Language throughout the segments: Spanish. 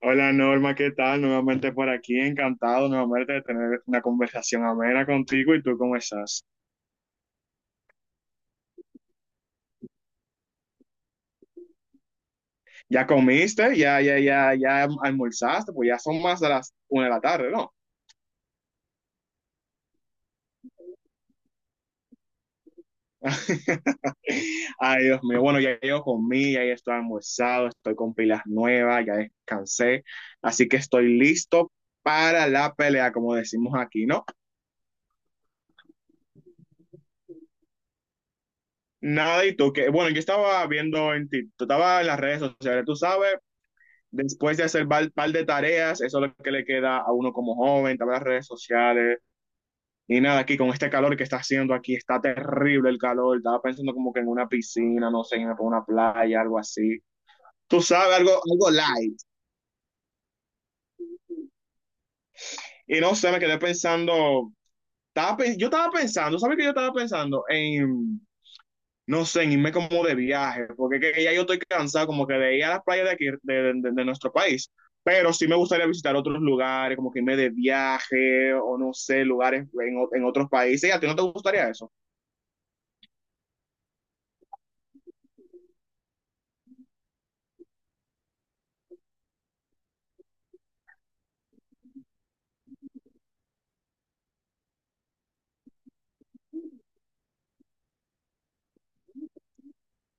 Hola Norma, ¿qué tal? Nuevamente por aquí, encantado nuevamente de tener una conversación amena contigo. ¿Y tú cómo estás? ¿Ya comiste? ¿Ya almorzaste? Pues ya son más de las una de la tarde, ¿no? Ay, Dios mío. Bueno, ya yo comí, ya yo estoy almorzado, estoy con pilas nuevas, ya descansé. Así que estoy listo para la pelea, como decimos aquí, ¿no? Nada, y tú que, bueno, yo estaba viendo en ti, tú estabas en las redes sociales, tú sabes, después de hacer un par de tareas, eso es lo que le queda a uno como joven, también las redes sociales. Y nada, aquí con este calor que está haciendo aquí, está terrible el calor. Estaba pensando como que en una piscina, no sé, en una playa, algo así. Tú sabes, algo light. Y no sé, me quedé pensando, yo estaba pensando, ¿sabes qué yo estaba pensando? En no sé, en irme como de viaje, porque que ya yo estoy cansado como que de ir a las playas de aquí, de nuestro país, pero sí me gustaría visitar otros lugares, como que irme de viaje o no sé, lugares en otros países. ¿Y a ti no te gustaría eso?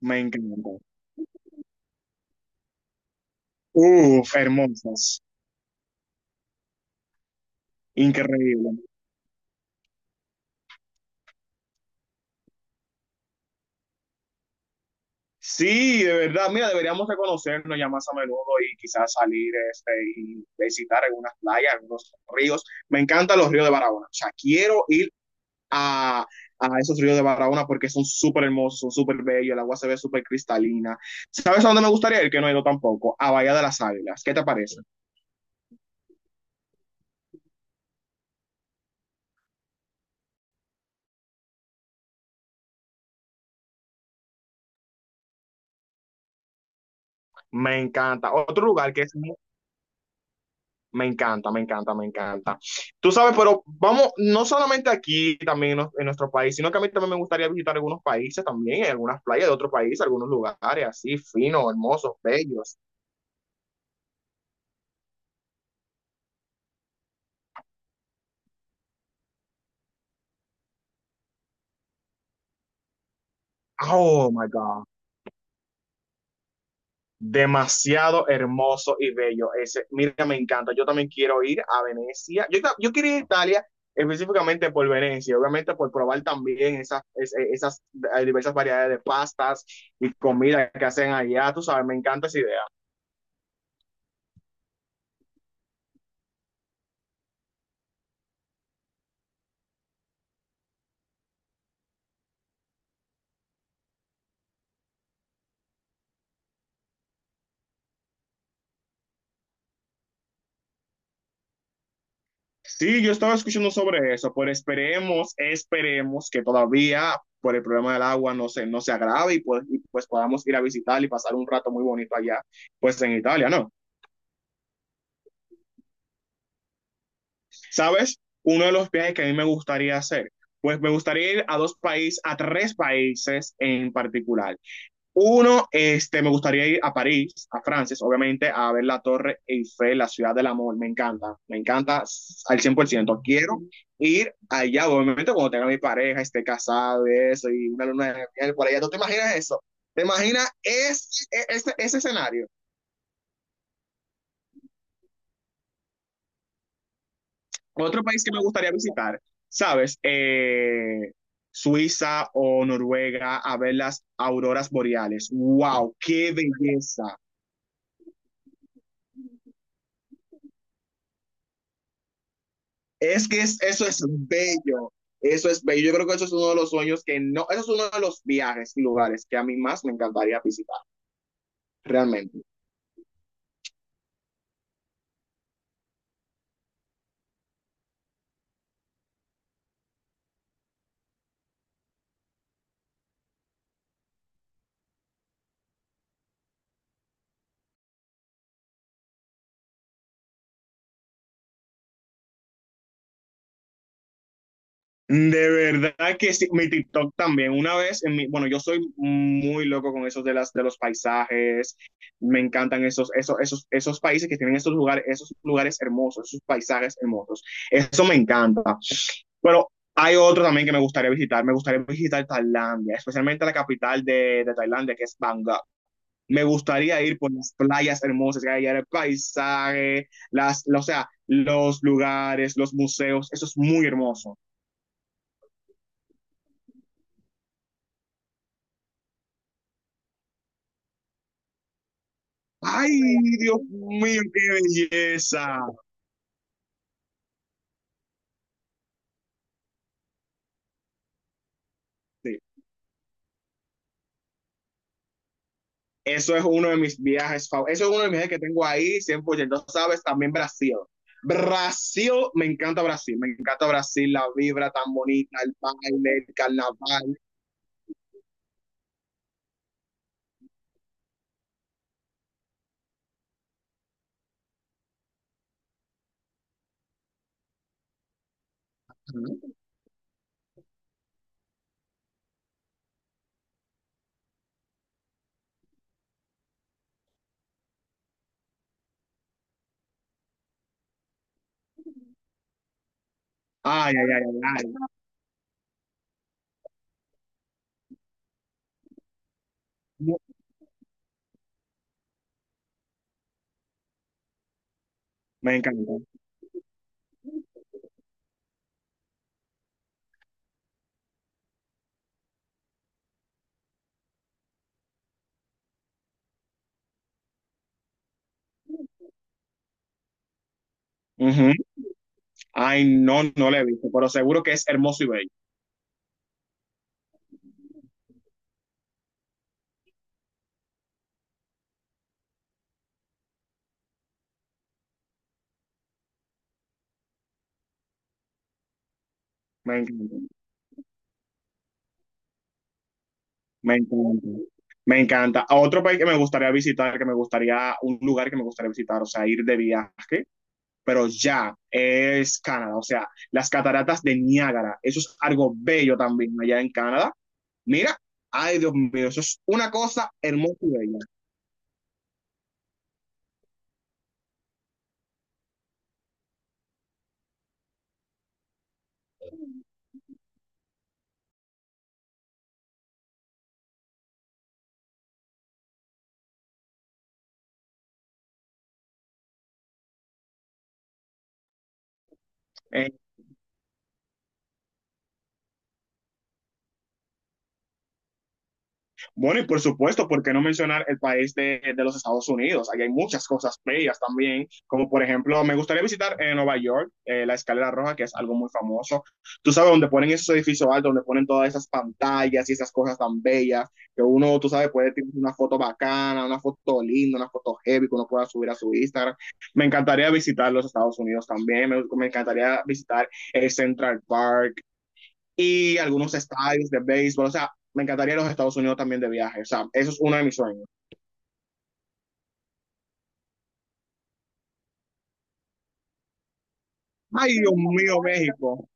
Me encanta. Uf, hermosas, increíble. Sí, de verdad, mira, deberíamos de conocernos ya más a menudo y quizás salir este, y visitar algunas playas, algunos ríos. Me encantan los ríos de Barahona. O sea, quiero ir a, a esos ríos de Barahona porque son súper hermosos, son súper bellos, el agua se ve súper cristalina. ¿Sabes a dónde me gustaría ir? Que no he ido tampoco, a Bahía de las Águilas. ¿Qué te parece? Me encanta. Otro lugar que es. Me encanta, me encanta, me encanta. Tú sabes, pero vamos, no solamente aquí también en nuestro país, sino que a mí también me gustaría visitar algunos países también, algunas playas de otros países, algunos lugares así, finos, hermosos, bellos. Oh, my God, demasiado hermoso y bello. Ese, mira, me encanta. Yo también quiero ir a Venecia. Yo quiero ir a Italia específicamente por Venecia, obviamente por probar también esas diversas variedades de pastas y comida que hacen allá. Tú sabes, me encanta esa idea. Sí, yo estaba escuchando sobre eso, pero esperemos que todavía por el problema del agua no se agrave y pues, podamos ir a visitar y pasar un rato muy bonito allá, pues en Italia, ¿no? ¿Sabes? Uno de los viajes que a mí me gustaría hacer, pues me gustaría ir a dos países, a tres países en particular. Uno, este, me gustaría ir a París, a Francia, obviamente, a ver la Torre Eiffel, la ciudad del amor, me encanta al 100%. Quiero ir allá, obviamente, cuando tenga mi pareja, esté casado, eso, y una luna de miel por allá. ¿Tú te imaginas eso? ¿Te imaginas ese escenario? Otro país que me gustaría visitar, ¿sabes? Suiza o Noruega a ver las auroras boreales. ¡Wow! ¡Qué belleza! Es que eso es bello. Eso es bello. Yo creo que eso es uno de los sueños que no, eso es uno de los viajes y lugares que a mí más me encantaría visitar, realmente. De verdad que sí, mi TikTok también. Una vez, en mi, bueno, yo soy muy loco con esos de los paisajes. Me encantan esos países que tienen esos lugares hermosos, esos paisajes hermosos. Eso me encanta. Pero hay otro también que me gustaría visitar. Me gustaría visitar Tailandia, especialmente la capital de Tailandia, que es Bangkok. Me gustaría ir por las playas hermosas que hay allá, el paisaje, las, o sea, los lugares, los museos. Eso es muy hermoso. Ay, Dios mío, qué belleza. Sí. Eso es uno de mis viajes favoritos. Eso es uno de mis viajes que tengo ahí 100%. Sabes, también Brasil. Brasil, me encanta Brasil. Me encanta Brasil, la vibra tan bonita, el baile, el carnaval. Ay, ay, ay, ay. Ay. Me encanta. Ujú. Ay, no, no lo he visto, pero seguro que es hermoso y bello. Me encanta, me encanta, me encanta. A otro país que me gustaría visitar, que me gustaría, un lugar que me gustaría visitar, o sea, ir de viaje, pero ya es Canadá, o sea, las cataratas de Niágara, eso es algo bello también allá en Canadá. Mira, ay Dios mío, eso es una cosa hermosa y bella. Bueno, y por supuesto, ¿por qué no mencionar el país de los Estados Unidos? Ahí hay muchas cosas bellas también, como por ejemplo, me gustaría visitar en Nueva York, la Escalera Roja, que es algo muy famoso. Tú sabes, donde ponen esos edificios altos, donde ponen todas esas pantallas y esas cosas tan bellas, que uno, tú sabes, puede tener una foto bacana, una foto linda, una foto heavy que uno pueda subir a su Instagram. Me encantaría visitar los Estados Unidos también, me encantaría visitar el Central Park, y algunos estadios de béisbol. O sea, me encantaría ir a los Estados Unidos también de viaje. O sea, eso es uno de mis sueños. Ay, Dios mío, México.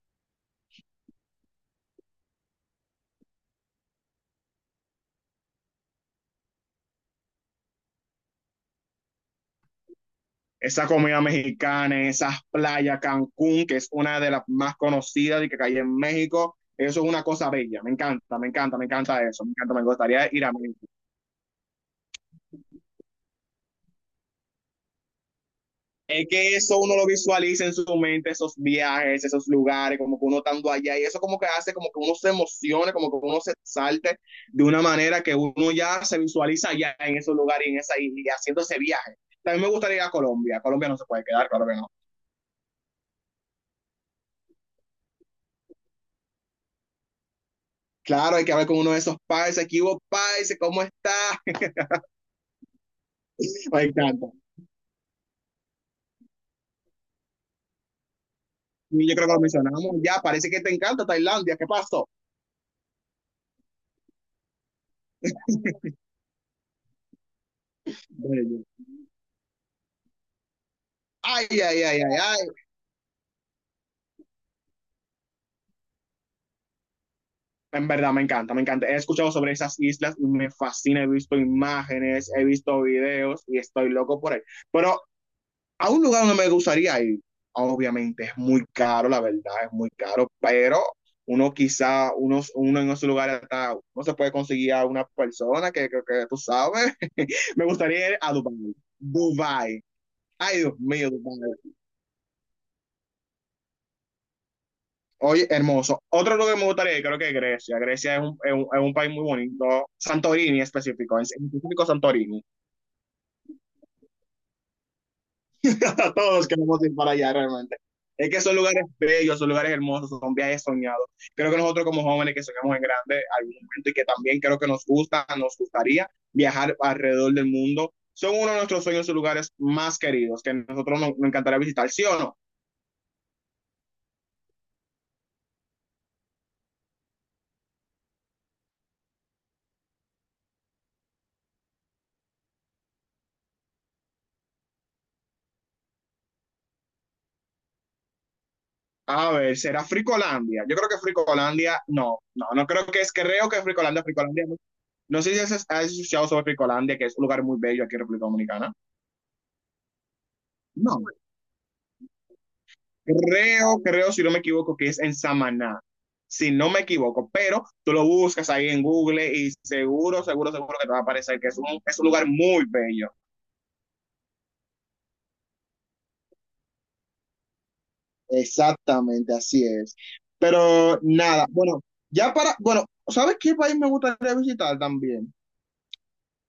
Esa comida mexicana, esas playas, Cancún, que es una de las más conocidas y que hay en México. Eso es una cosa bella. Me encanta, me encanta, me encanta eso. Me encanta, me gustaría ir a México. Es que eso uno lo visualiza en su mente, esos viajes, esos lugares, como que uno estando allá, y eso como que hace como que uno se emocione, como que uno se salte de una manera que uno ya se visualiza allá en esos lugares y, en esa, y haciendo ese viaje. También me gustaría ir a Colombia, Colombia no se puede quedar, claro que no. Claro, hay que hablar con uno de esos países. ¿Qué hubo países? ¿Cómo está? Me encanta. Y yo creo que lo mencionamos ya, parece que te encanta Tailandia, ¿qué pasó? Ay, ay, ay, ay, ay. En verdad, me encanta, me encanta. He escuchado sobre esas islas, y me fascina, he visto imágenes, he visto videos y estoy loco por ahí. Pero a un lugar donde me gustaría ir, obviamente es muy caro, la verdad, es muy caro, pero uno quizá, unos, uno en esos lugares hasta no se puede conseguir a una persona que tú sabes. Me gustaría ir a Dubái. Dubái. Ay, Dios mío, Dubái. Oye, hermoso. Otro lugar que me gustaría ir, creo que es Grecia. Grecia es un país muy bonito. Santorini específico, en específico Santorini. Todos queremos ir para allá realmente. Es que son lugares bellos, son lugares hermosos, son viajes soñados. Creo que nosotros como jóvenes que soñamos en grande algún momento y que también creo que nos gusta, nos gustaría viajar alrededor del mundo, son uno de nuestros sueños y lugares más queridos que nosotros nos encantaría visitar, ¿sí o no? A ver, ¿será Fricolandia? Yo creo que Fricolandia, no, no, no creo que es, creo que Fricolandia, Fricolandia no. No sé si has escuchado sobre Fricolandia, que es un lugar muy bello aquí en República Dominicana. No. Creo, si no me equivoco, que es en Samaná, si no me equivoco, pero tú lo buscas ahí en Google y seguro, seguro, seguro que te va a aparecer que es un lugar muy bello. Exactamente, así es. Pero nada, bueno, ya para, bueno, ¿sabes qué país me gustaría visitar también?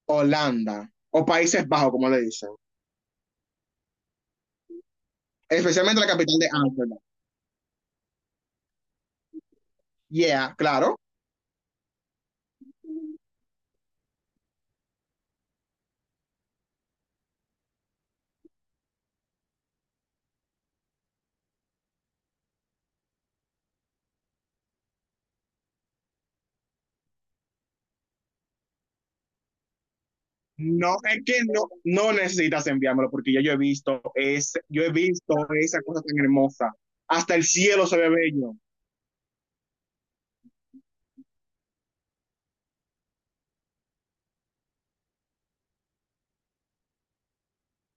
Holanda, o Países Bajos, como le dicen, especialmente la capital de Ámsterdam. Yeah, claro. No, es que no, no necesitas enviármelo porque ya yo he visto ese, yo he visto esa cosa tan hermosa. Hasta el cielo se ve bello.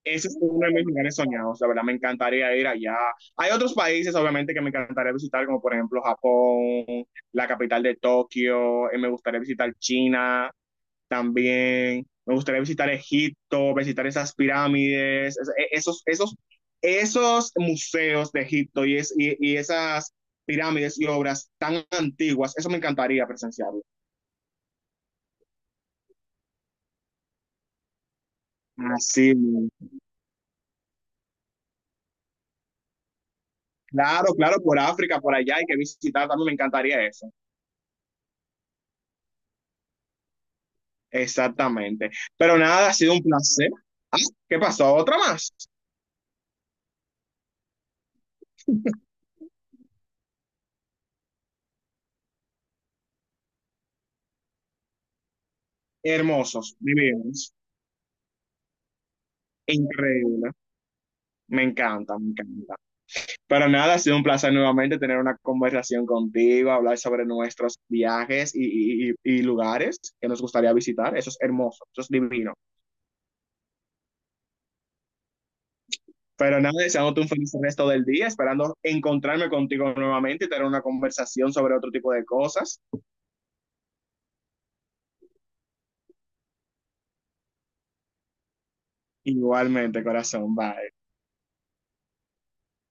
Ese es uno de mis lugares soñados, la verdad me encantaría ir allá. Hay otros países, obviamente, que me encantaría visitar, como por ejemplo Japón, la capital de Tokio, me gustaría visitar China. También me gustaría visitar Egipto, visitar esas pirámides, esos museos de Egipto y esas pirámides y obras tan antiguas. Eso me encantaría presenciarlo. Así mismo. Claro, claro, por África, por allá hay que visitar, también me encantaría eso. Exactamente. Pero nada, ha sido un placer. Ah, ¿qué pasó? ¿Otra más? Hermosos, divinos, increíble. Me encanta, me encanta. Pero nada, ha sido un placer nuevamente tener una conversación contigo, hablar sobre nuestros viajes y lugares que nos gustaría visitar. Eso es hermoso, eso es divino. Pero nada, deseándote un feliz resto del día, esperando encontrarme contigo nuevamente y tener una conversación sobre otro tipo de cosas. Igualmente, corazón, bye.